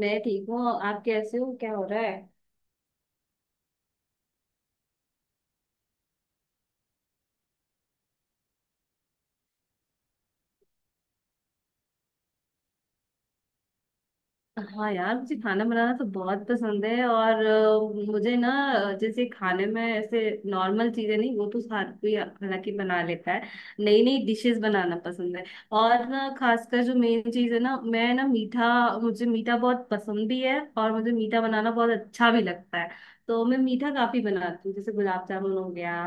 मैं ठीक हूँ। आप कैसे हो? क्या हो रहा है? हाँ यार, मुझे खाना बनाना तो बहुत पसंद है, और मुझे ना जैसे खाने में ऐसे नॉर्मल चीजें नहीं, वो तो हर कोई हालांकि बना लेता है। नई नई डिशेस बनाना पसंद है। और ना खासकर जो मेन चीज है ना, मैं ना मीठा। मुझे मीठा बहुत पसंद भी है, और मुझे मीठा बनाना बहुत अच्छा भी लगता है। तो मैं मीठा काफी बनाती हूँ, जैसे गुलाब जामुन हो गया।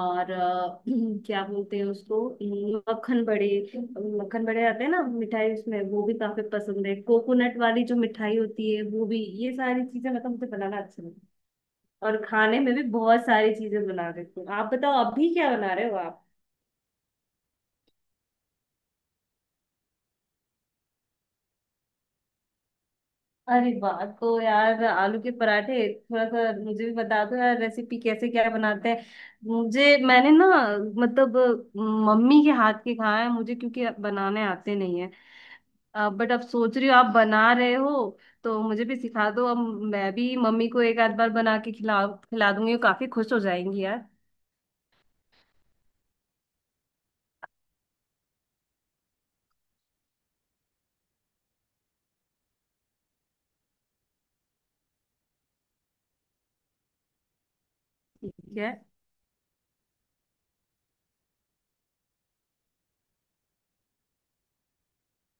और क्या बोलते हैं उसको, मक्खन बड़े। मक्खन बड़े आते हैं ना मिठाई, उसमें वो भी काफी पसंद है। कोकोनट वाली जो मिठाई होती है, वो भी, ये सारी चीजें मतलब मुझे बनाना अच्छा लगता है। और खाने में भी बहुत सारी चीजें बना देती हूँ। आप बताओ, अभी क्या बना रहे हो आप? अरे वाह! तो यार, आलू के पराठे। थोड़ा सा मुझे भी बता दो यार, रेसिपी कैसे क्या बनाते हैं। मुझे, मैंने ना, मतलब मम्मी के हाथ के खाए हैं मुझे, क्योंकि बनाने आते नहीं है। बट अब सोच रही हो, आप बना रहे हो। तो मुझे भी सिखा दो अब। मैं भी मम्मी को एक आध बार बना के खिला खिला दूंगी, वो काफी खुश हो जाएंगी यार। ठीक है।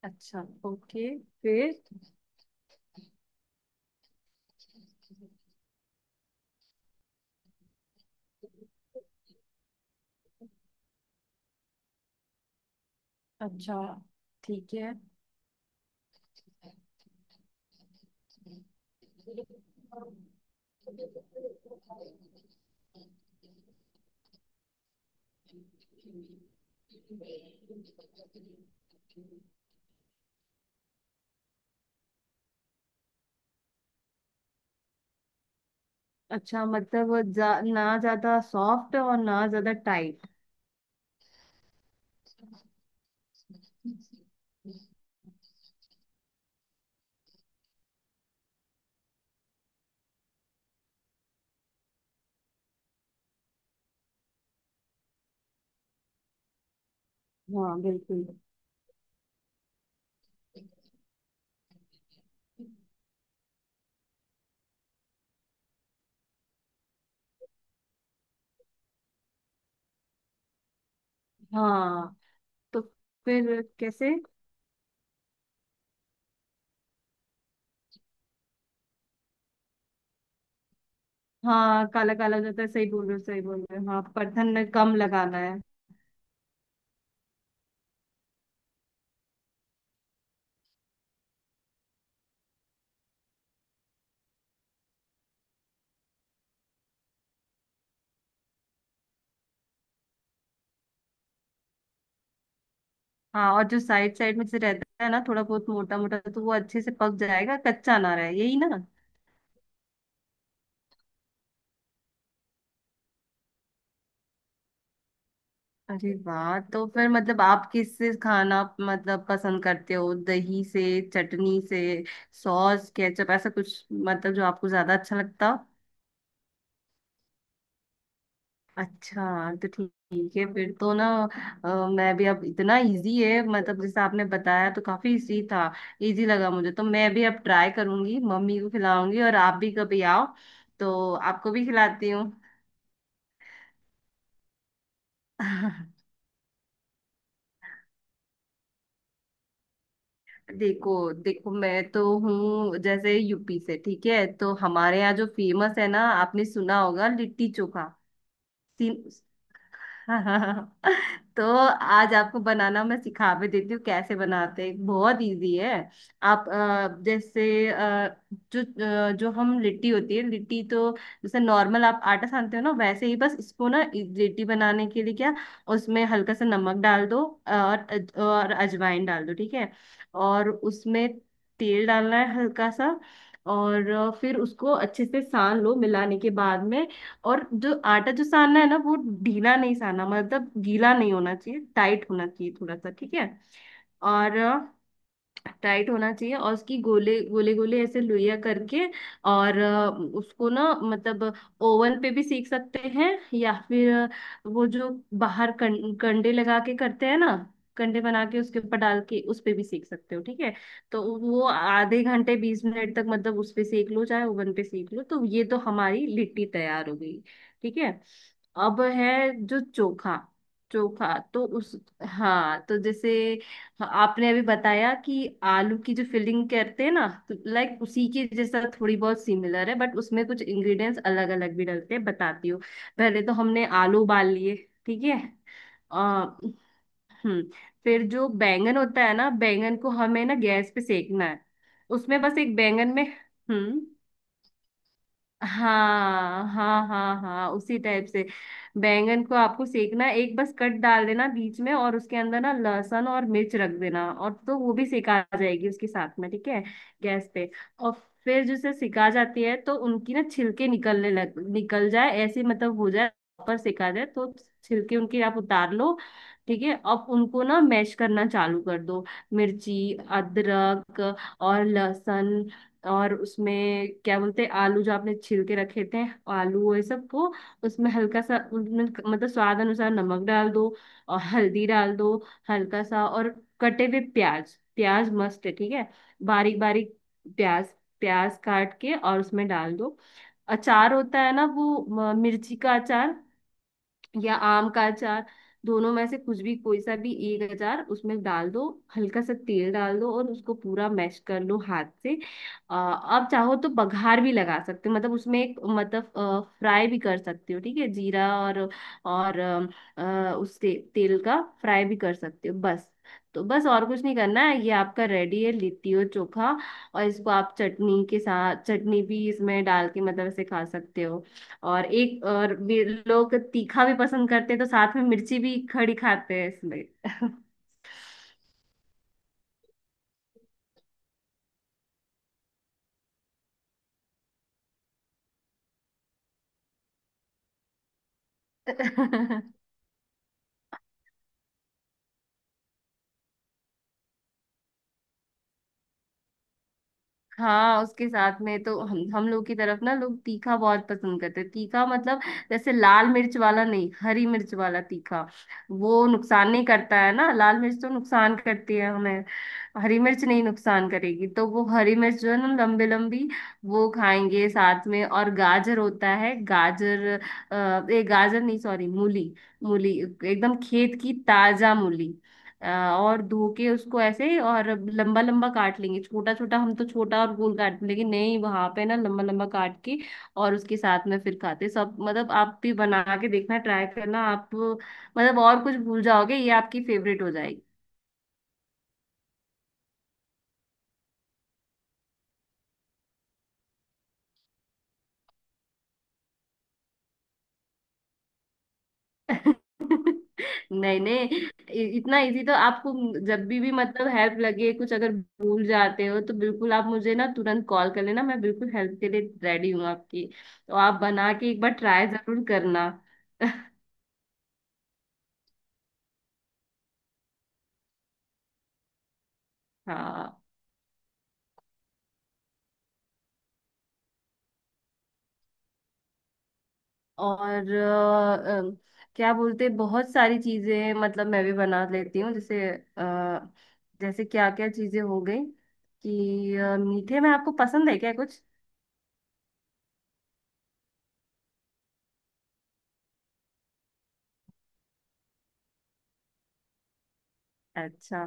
अच्छा। ओके। फिर। अच्छा। ठीक है। अच्छा, मतलब वो ना ज्यादा सॉफ्ट और ना ज्यादा टाइट। हाँ, बिल्कुल। हाँ। तो फिर कैसे? हाँ, काला काला हो जाता है, सही बोल रहे हो, सही बोल रहे हो, हाँ। परथन में कम लगाना है। हाँ, और जो साइड साइड में से रहता है ना थोड़ा बहुत मोटा मोटा, तो वो अच्छे से पक जाएगा, कच्चा ना रहे, यही ना? अरे वाह! तो फिर मतलब आप किससे खाना मतलब पसंद करते हो? दही से? चटनी से? सॉस, केचप, ऐसा कुछ मतलब जो आपको ज्यादा अच्छा लगता हो? अच्छा, तो ठीक, ठीक है फिर तो ना। अ, मैं भी अब, इतना इजी है मतलब, जैसे आपने बताया तो काफी इजी था। इजी लगा मुझे, तो मैं भी अब ट्राई करूंगी, मम्मी को खिलाऊंगी, और आप भी कभी आओ। तो आपको भी खिलाती हूँ। देखो देखो, मैं तो हूँ जैसे यूपी से, ठीक है? तो हमारे यहाँ जो फेमस है ना, आपने सुना होगा, लिट्टी चोखा। सीन। हाँ, हाँ, हाँ। तो आज आपको बनाना मैं सिखा भी देती हूँ। कैसे बनाते हैं, बहुत इजी है। आप जैसे जो जो हम, लिट्टी होती है, लिट्टी तो जैसे नॉर्मल आप आटा सानते हो ना, वैसे ही बस इसको ना लिट्टी बनाने के लिए क्या, उसमें हल्का सा नमक डाल दो, और और अजवाइन डाल दो, ठीक है। और उसमें तेल डालना है हल्का सा। और फिर उसको अच्छे से सान लो, मिलाने के बाद में। और जो आटा जो सानना है ना, वो ढीला नहीं सानना, मतलब गीला नहीं होना चाहिए, टाइट होना चाहिए थोड़ा सा, ठीक है। और टाइट होना चाहिए, और उसकी गोले गोले गोले ऐसे लोइया करके, और उसको ना मतलब, ओवन पे भी सेक सकते हैं, या फिर वो जो बाहर कंडे लगा के करते हैं ना, कंडे बना के उसके ऊपर डाल के उस पे भी सेक सकते हो, ठीक है। तो वो आधे घंटे 20 मिनट तक मतलब उस पे सेक लो, चाहे ओवन पे सेक लो, तो ये तो हमारी लिट्टी तैयार हो गई। ठीक है। अब है जो चोखा। चोखा तो उस, हाँ तो जैसे, हाँ, आपने अभी बताया कि आलू की जो फिलिंग करते हैं ना, तो लाइक उसी के जैसा थोड़ी बहुत सिमिलर है, बट उसमें कुछ इंग्रेडिएंट्स अलग अलग भी डलते हैं, बताती हूँ। पहले तो हमने आलू उबाल लिए। ठीक है। आ, हम्म। फिर जो बैंगन होता है ना, बैंगन को हमें ना गैस पे सेकना है। उसमें बस एक बैंगन में, हम्म, हाँ हाँ हाँ हाँ, उसी टाइप से, बैंगन को आपको सेकना है, एक बस कट डाल देना बीच में, और उसके अंदर ना लहसुन और मिर्च रख देना, और तो वो भी सेका आ जाएगी उसके साथ में, ठीक है। गैस पे। और फिर जैसे सिका जाती है, तो उनकी ना छिलके निकलने लग, निकल जाए ऐसे मतलब हो जाए। प्रॉपर सिका जाए तो छिलके उनके आप उतार लो। ठीक है, अब उनको ना मैश करना चालू कर दो। मिर्ची, अदरक, और लहसुन, और उसमें क्या बोलते हैं, आलू जो आपने छील के रखे थे, आलू, वो ये सब को, उसमें हल्का सा उनमें मतलब स्वाद अनुसार नमक डाल दो, और हल्दी डाल दो हल्का सा, और कटे हुए प्याज, प्याज मस्त है, ठीक है, बारीक बारीक प्याज, प्याज काट के और उसमें डाल दो। अचार होता है ना, वो मिर्ची का अचार, या आम का अचार, दोनों में से कुछ भी कोई सा भी एक अचार उसमें डाल दो। हल्का सा तेल डाल दो और उसको पूरा मैश कर लो हाथ से। अब चाहो तो बघार भी लगा सकते हो, मतलब उसमें एक मतलब फ्राई भी कर सकते हो, ठीक है, जीरा और तेल का फ्राई भी कर सकते हो, बस। तो बस और कुछ नहीं करना है, ये आपका रेडी है, लिट्टी और चोखा। और इसको आप चटनी के साथ, चटनी भी इसमें डाल के मतलब ऐसे खा सकते हो। और एक और भी, लोग तीखा भी पसंद करते हैं, तो साथ में मिर्ची भी खड़ी खाते हैं इसमें। हाँ, उसके साथ में तो हम लोग की तरफ ना, लोग तीखा बहुत पसंद करते हैं, तीखा मतलब जैसे लाल मिर्च वाला नहीं, हरी मिर्च वाला तीखा। वो नुकसान नहीं करता है ना, लाल मिर्च तो नुकसान करती है हमें, हरी मिर्च नहीं नुकसान करेगी, तो वो हरी मिर्च जो है ना, लंबी लंबी, वो खाएंगे साथ में। और गाजर होता है गाजर, अ, ए गाजर नहीं, सॉरी, मूली। मूली एकदम खेत की ताजा मूली। अ, और धो के उसको ऐसे और लंबा लंबा काट लेंगे, छोटा छोटा हम तो, छोटा और गोल काट लेंगे नहीं, वहां पे ना लंबा लंबा काट के, और उसके साथ में फिर खाते सब। मतलब आप भी बना के देखना, ट्राई करना आप, मतलब और कुछ भूल जाओगे, ये आपकी फेवरेट हो जाएगी। नहीं, नहीं, इतना इजी तो आपको, जब भी मतलब हेल्प लगे कुछ, अगर भूल जाते हो तो बिल्कुल आप मुझे ना तुरंत कॉल कर लेना, मैं बिल्कुल हेल्प के लिए रेडी हूँ आपकी। तो आप बना के एक बार ट्राई जरूर करना। हाँ, और क्या बोलते, बहुत सारी चीजें मतलब मैं भी बना लेती हूँ, जैसे जैसे, क्या क्या चीजें हो गई, कि मीठे में आपको पसंद है क्या कुछ? अच्छा,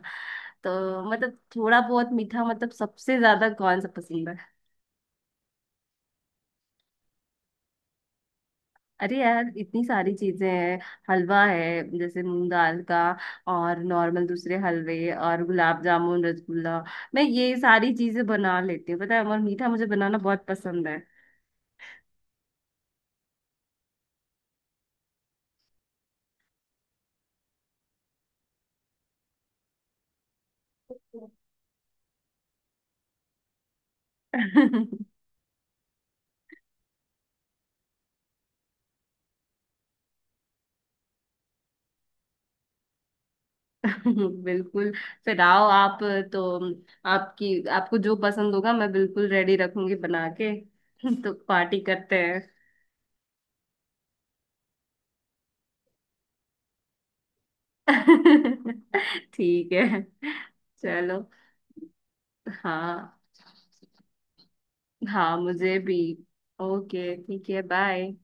तो मतलब थोड़ा बहुत मीठा मतलब सबसे ज्यादा कौन सा पसंद है? अरे यार, इतनी सारी चीजें हैं। हलवा है जैसे मूंग दाल का, और नॉर्मल दूसरे हलवे, और गुलाब जामुन, रसगुल्ला। मैं ये सारी चीजें बना लेती हूँ, पता है, और मीठा मुझे बनाना बहुत पसंद है। बिल्कुल। फिर आओ आप, तो आपकी आपको जो पसंद होगा मैं बिल्कुल रेडी रखूंगी बना के। तो पार्टी करते हैं। ठीक है। चलो। हाँ। हाँ, मुझे भी। ओके, ठीक है, बाय।